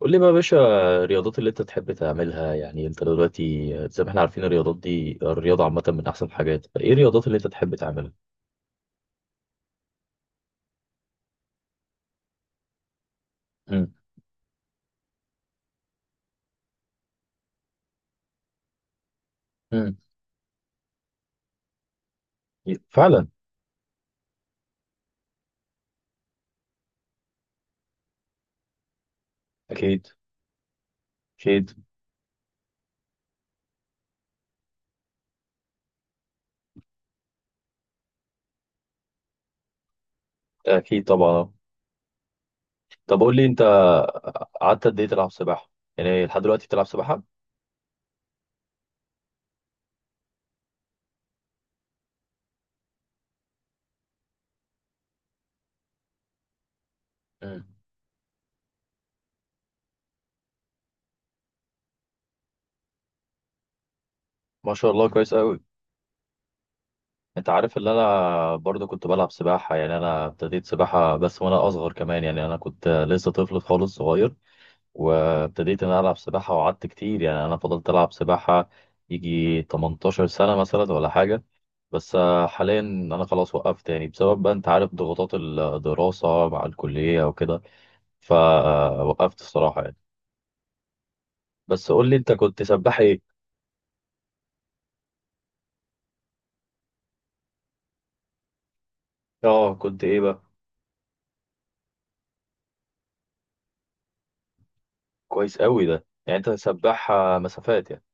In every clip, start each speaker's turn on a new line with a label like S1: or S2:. S1: قول لي بقى يا باشا. الرياضات اللي انت تحب تعملها، يعني انت دلوقتي زي ما احنا عارفين الرياضات دي، الرياضة عامة من احسن الحاجات، فايه الرياضات اللي انت تحب تعملها؟ مم. مم. فعلا. اكيد. اكيد. اكيد طبعا. طب قول لي انت، قعدت قد ايه تلعب سباحة؟ يعني لحد دلوقتي بتلعب سباحة؟ مم. ما شاء الله، كويس قوي. انت عارف ان انا برضه كنت بلعب سباحة، يعني انا ابتديت سباحة بس وانا اصغر كمان، يعني انا كنت لسه طفل خالص صغير، وابتديت ان أنا العب سباحه وقعدت كتير، يعني انا فضلت العب سباحه يجي 18 سنه مثلا ولا حاجه. بس حاليا انا خلاص وقفت يعني، بسبب بقى انت عارف ضغوطات الدراسه مع الكليه وكده، فوقفت الصراحه يعني. بس قول لي انت كنت سباح ايه؟ اه كنت ايه بقى؟ كويس قوي ده، يعني انت سباح مسافات يعني.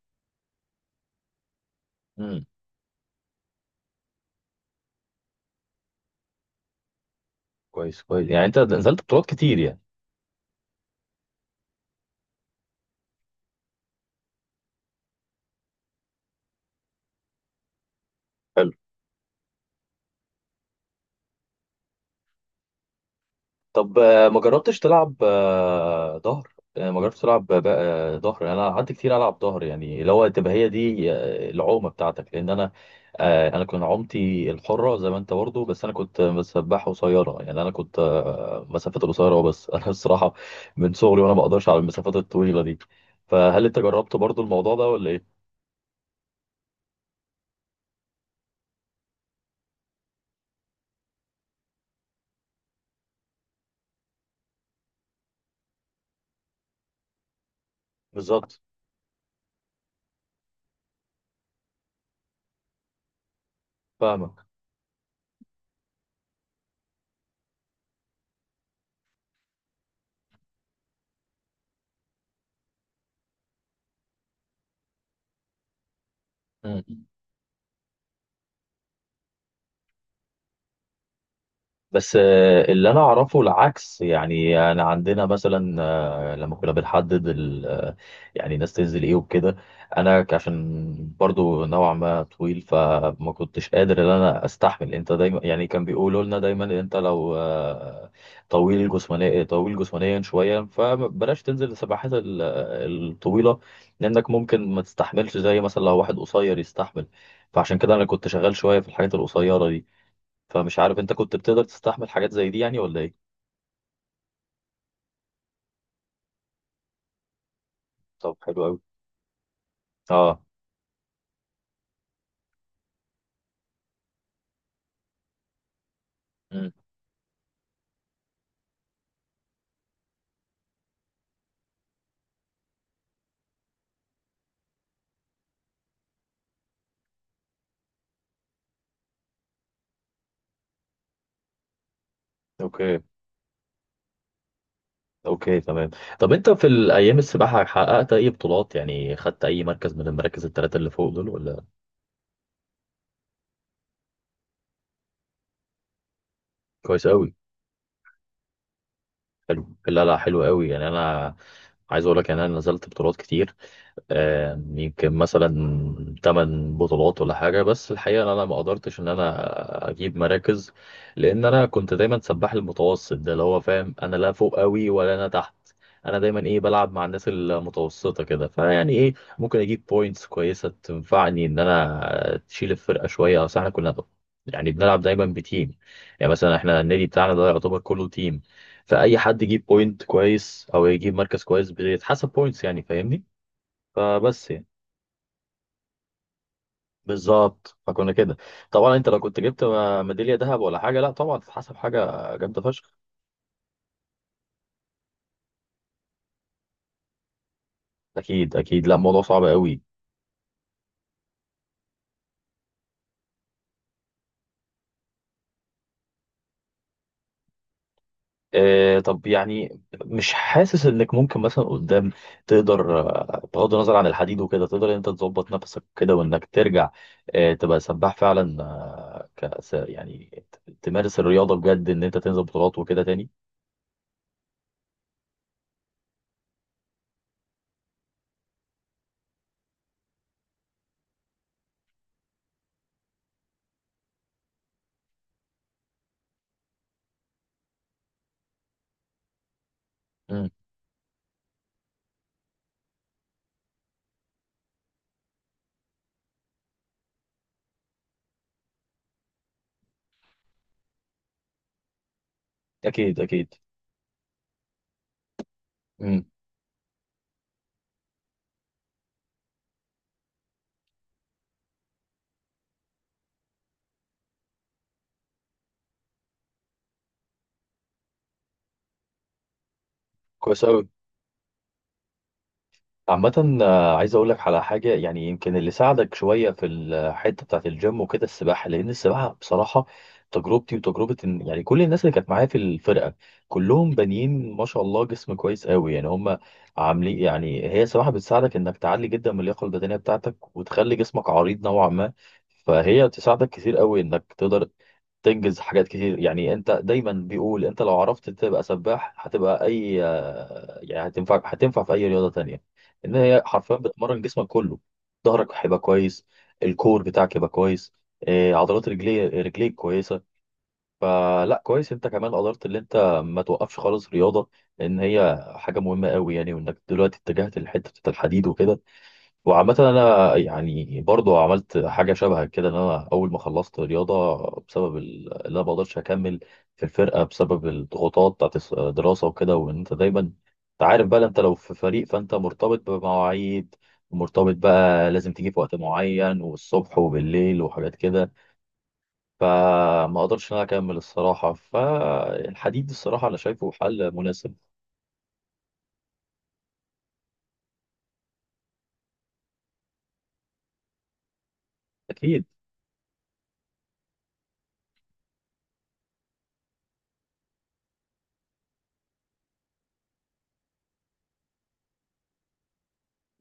S1: امم. كويس كويس، يعني انت نزلت بطولات كتير يعني. حلو. طب ما جربتش تلعب ظهر؟ ما جربتش تلعب ظهر؟ يعني انا قعدت كتير العب ظهر، يعني اللي هو تبقى هي دي العومه بتاعتك، لان انا كنت عومتي الحره زي ما انت برضه، بس انا كنت مسبحه قصيره، يعني انا كنت مسافات القصيره أه بس انا الصراحه من صغري وانا ما اقدرش على المسافات الطويله دي. فهل انت جربت برضه الموضوع ده ولا ايه؟ بالظبط. فاهمك. بس اللي انا اعرفه العكس، يعني انا عندنا مثلا لما كنا بنحدد يعني الناس تنزل ايه وكده. انا عشان برضو نوعا ما طويل، فما كنتش قادر ان انا استحمل. انت دايما يعني كان بيقولوا لنا دايما انت لو طويل جسمانيا، شويه فبلاش تنزل السباحات الطويله، لانك ممكن ما تستحملش زي مثلا لو واحد قصير يستحمل. فعشان كده انا كنت شغال شويه في الحاجات القصيره دي، فمش عارف انت كنت بتقدر تستحمل حاجات زي دي يعني ولا ايه؟ طب حلو قوي. اه. امم. اوكي. اوكي تمام. طب انت في الايام السباحه حققت اي بطولات؟ يعني خدت اي مركز من المراكز الثلاثه اللي فوق دول ولا؟ كويس قوي. حلو. لا لا حلو قوي. يعني انا عايز اقول لك يعني انا نزلت بطولات كتير، يمكن مثلا 8 بطولات ولا حاجة. بس الحقيقة إن أنا ما قدرتش إن أنا أجيب مراكز، لأن أنا كنت دايما سباح المتوسط ده، اللي هو فاهم، أنا لا فوق أوي ولا أنا تحت. أنا دايما إيه بلعب مع الناس المتوسطة كده، فيعني إيه، ممكن أجيب بوينتس كويسة تنفعني إن أنا تشيل الفرقة شوية، أصل إحنا كنا يعني بنلعب دايما بتيم. يعني مثلا إحنا النادي بتاعنا ده يعتبر كله تيم، فأي حد يجيب بوينت كويس أو يجيب مركز كويس بيتحسب بوينتس، يعني فاهمني؟ فبس يعني، بالظبط، فكنا كده. طبعا انت لو كنت جبت ميداليه ذهب ولا حاجه، لا طبعا تتحسب حاجه جامده فشخ. اكيد اكيد. لا الموضوع صعب قوي. آه طب يعني مش حاسس انك ممكن مثلا قدام تقدر بغض النظر عن الحديد وكده تقدر انت تظبط نفسك كده وانك ترجع آه تبقى سباح فعلا آه كأس، يعني تمارس الرياضه بجد ان انت تنزل بطولات وكده تاني؟ امم. اكيد اكيد. امم. كويس قوي. عامة عايز أقول لك على حاجة، يعني يمكن اللي ساعدك شوية في الحتة بتاعة الجيم وكده السباحة، لأن السباحة بصراحة تجربتي وتجربة يعني كل الناس اللي كانت معايا في الفرقة كلهم بانيين ما شاء الله جسم كويس قوي يعني. هم عاملين يعني، هي السباحة بتساعدك إنك تعلي جدا من اللياقة البدنية بتاعتك وتخلي جسمك عريض نوعا ما، فهي بتساعدك كتير قوي إنك تقدر تنجز حاجات كتير. يعني انت دايما بيقول انت لو عرفت تبقى سباح هتبقى اي يعني هتنفع في اي رياضة تانية، ان هي حرفيا بتمرن جسمك كله. ظهرك هيبقى كويس، الكور بتاعك يبقى كويس، إيه، عضلات رجليك كويسه. فلا كويس انت كمان قدرت ان انت ما توقفش خالص رياضه، لان هي حاجه مهمه قوي يعني. وانك دلوقتي اتجهت لحته الحديد وكده. وعامة أنا يعني برضو عملت حاجة شبه كده، إن أنا أول ما خلصت رياضة بسبب اللي أنا ما بقدرش أكمل في الفرقة بسبب الضغوطات بتاعت الدراسة وكده، وإن أنت دايما أنت عارف بقى، أنت لو في فريق فأنت مرتبط بمواعيد، مرتبط بقى لازم تيجي في وقت معين والصبح وبالليل وحاجات كده، فما أقدرش إن أنا أكمل الصراحة. فالحديد الصراحة أنا شايفه حل مناسب. أكيد.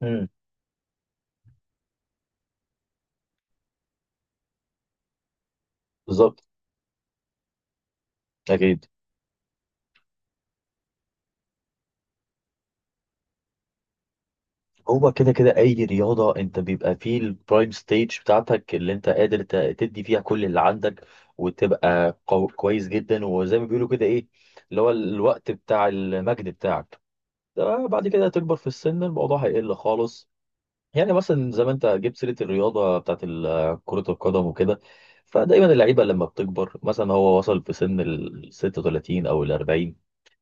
S1: مم. بالظبط. أكيد. هو كده كده اي رياضه انت بيبقى فيه البرايم ستيج بتاعتك، اللي انت قادر تدي فيها كل اللي عندك وتبقى كويس جدا، وزي ما بيقولوا كده ايه، اللي هو الوقت بتاع المجد بتاعك. ده بعد كده هتكبر في السن، الموضوع هيقل خالص. يعني مثلا زي ما انت جبت سيره الرياضه بتاعت كره القدم وكده، فدايما اللعيبه لما بتكبر مثلا هو وصل في سن ال 36 او ال 40،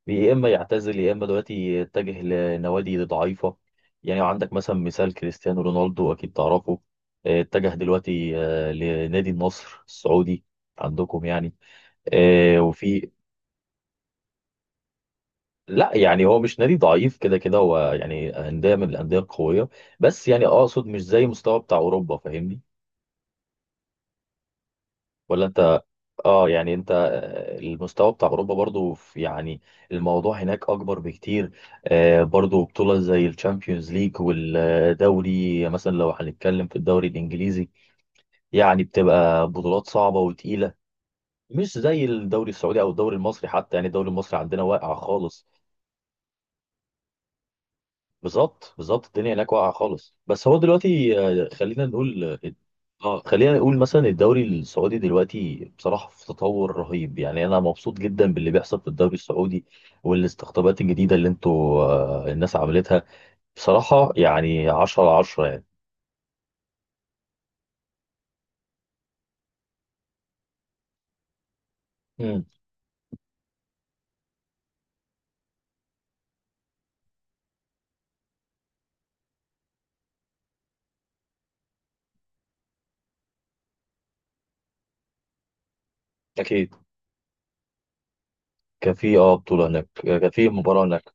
S1: يا اما يعتزل يا اما دلوقتي يتجه لنوادي ضعيفه. يعني عندك مثلا مثال كريستيانو رونالدو، اكيد تعرفه. اتجه دلوقتي لنادي النصر السعودي عندكم يعني. آه، وفي لا يعني هو مش نادي ضعيف، كده كده هو يعني انديه من الانديه القويه، بس يعني اقصد مش زي مستوى بتاع اوروبا، فاهمني ولا انت؟ اه يعني انت المستوى بتاع اوروبا برضو يعني الموضوع هناك اكبر بكتير. برضو بطولة زي الشامبيونز ليج والدوري، مثلا لو هنتكلم في الدوري الانجليزي يعني بتبقى بطولات صعبة وتقيلة، مش زي الدوري السعودي او الدوري المصري. حتى يعني الدوري المصري عندنا واقع خالص. بالظبط بالظبط. الدنيا هناك واقعه خالص بس هو دلوقتي، آه، خلينا نقول اه خلينا نقول مثلا الدوري السعودي دلوقتي بصراحه في تطور رهيب، يعني انا مبسوط جدا باللي بيحصل في الدوري السعودي والاستقطابات الجديده اللي انتوا الناس عملتها، بصراحه يعني 10 على 10 يعني. امم. اكيد. كان في بطوله هناك، كان في مباراه هناك.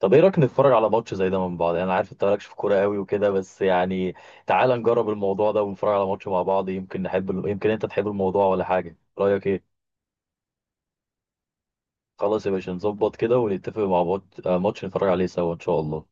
S1: طب ايه رايك نتفرج على ماتش زي ده من بعض، يعني انا عارف انت مالكش في كوره قوي وكده، بس يعني تعال نجرب الموضوع ده ونتفرج على ماتش مع بعض. يمكن نحب يمكن انت تحب الموضوع ولا حاجه؟ رايك ايه؟ خلاص يا باشا، نظبط كده ونتفق مع ماتش نتفرج عليه سوا ان شاء الله.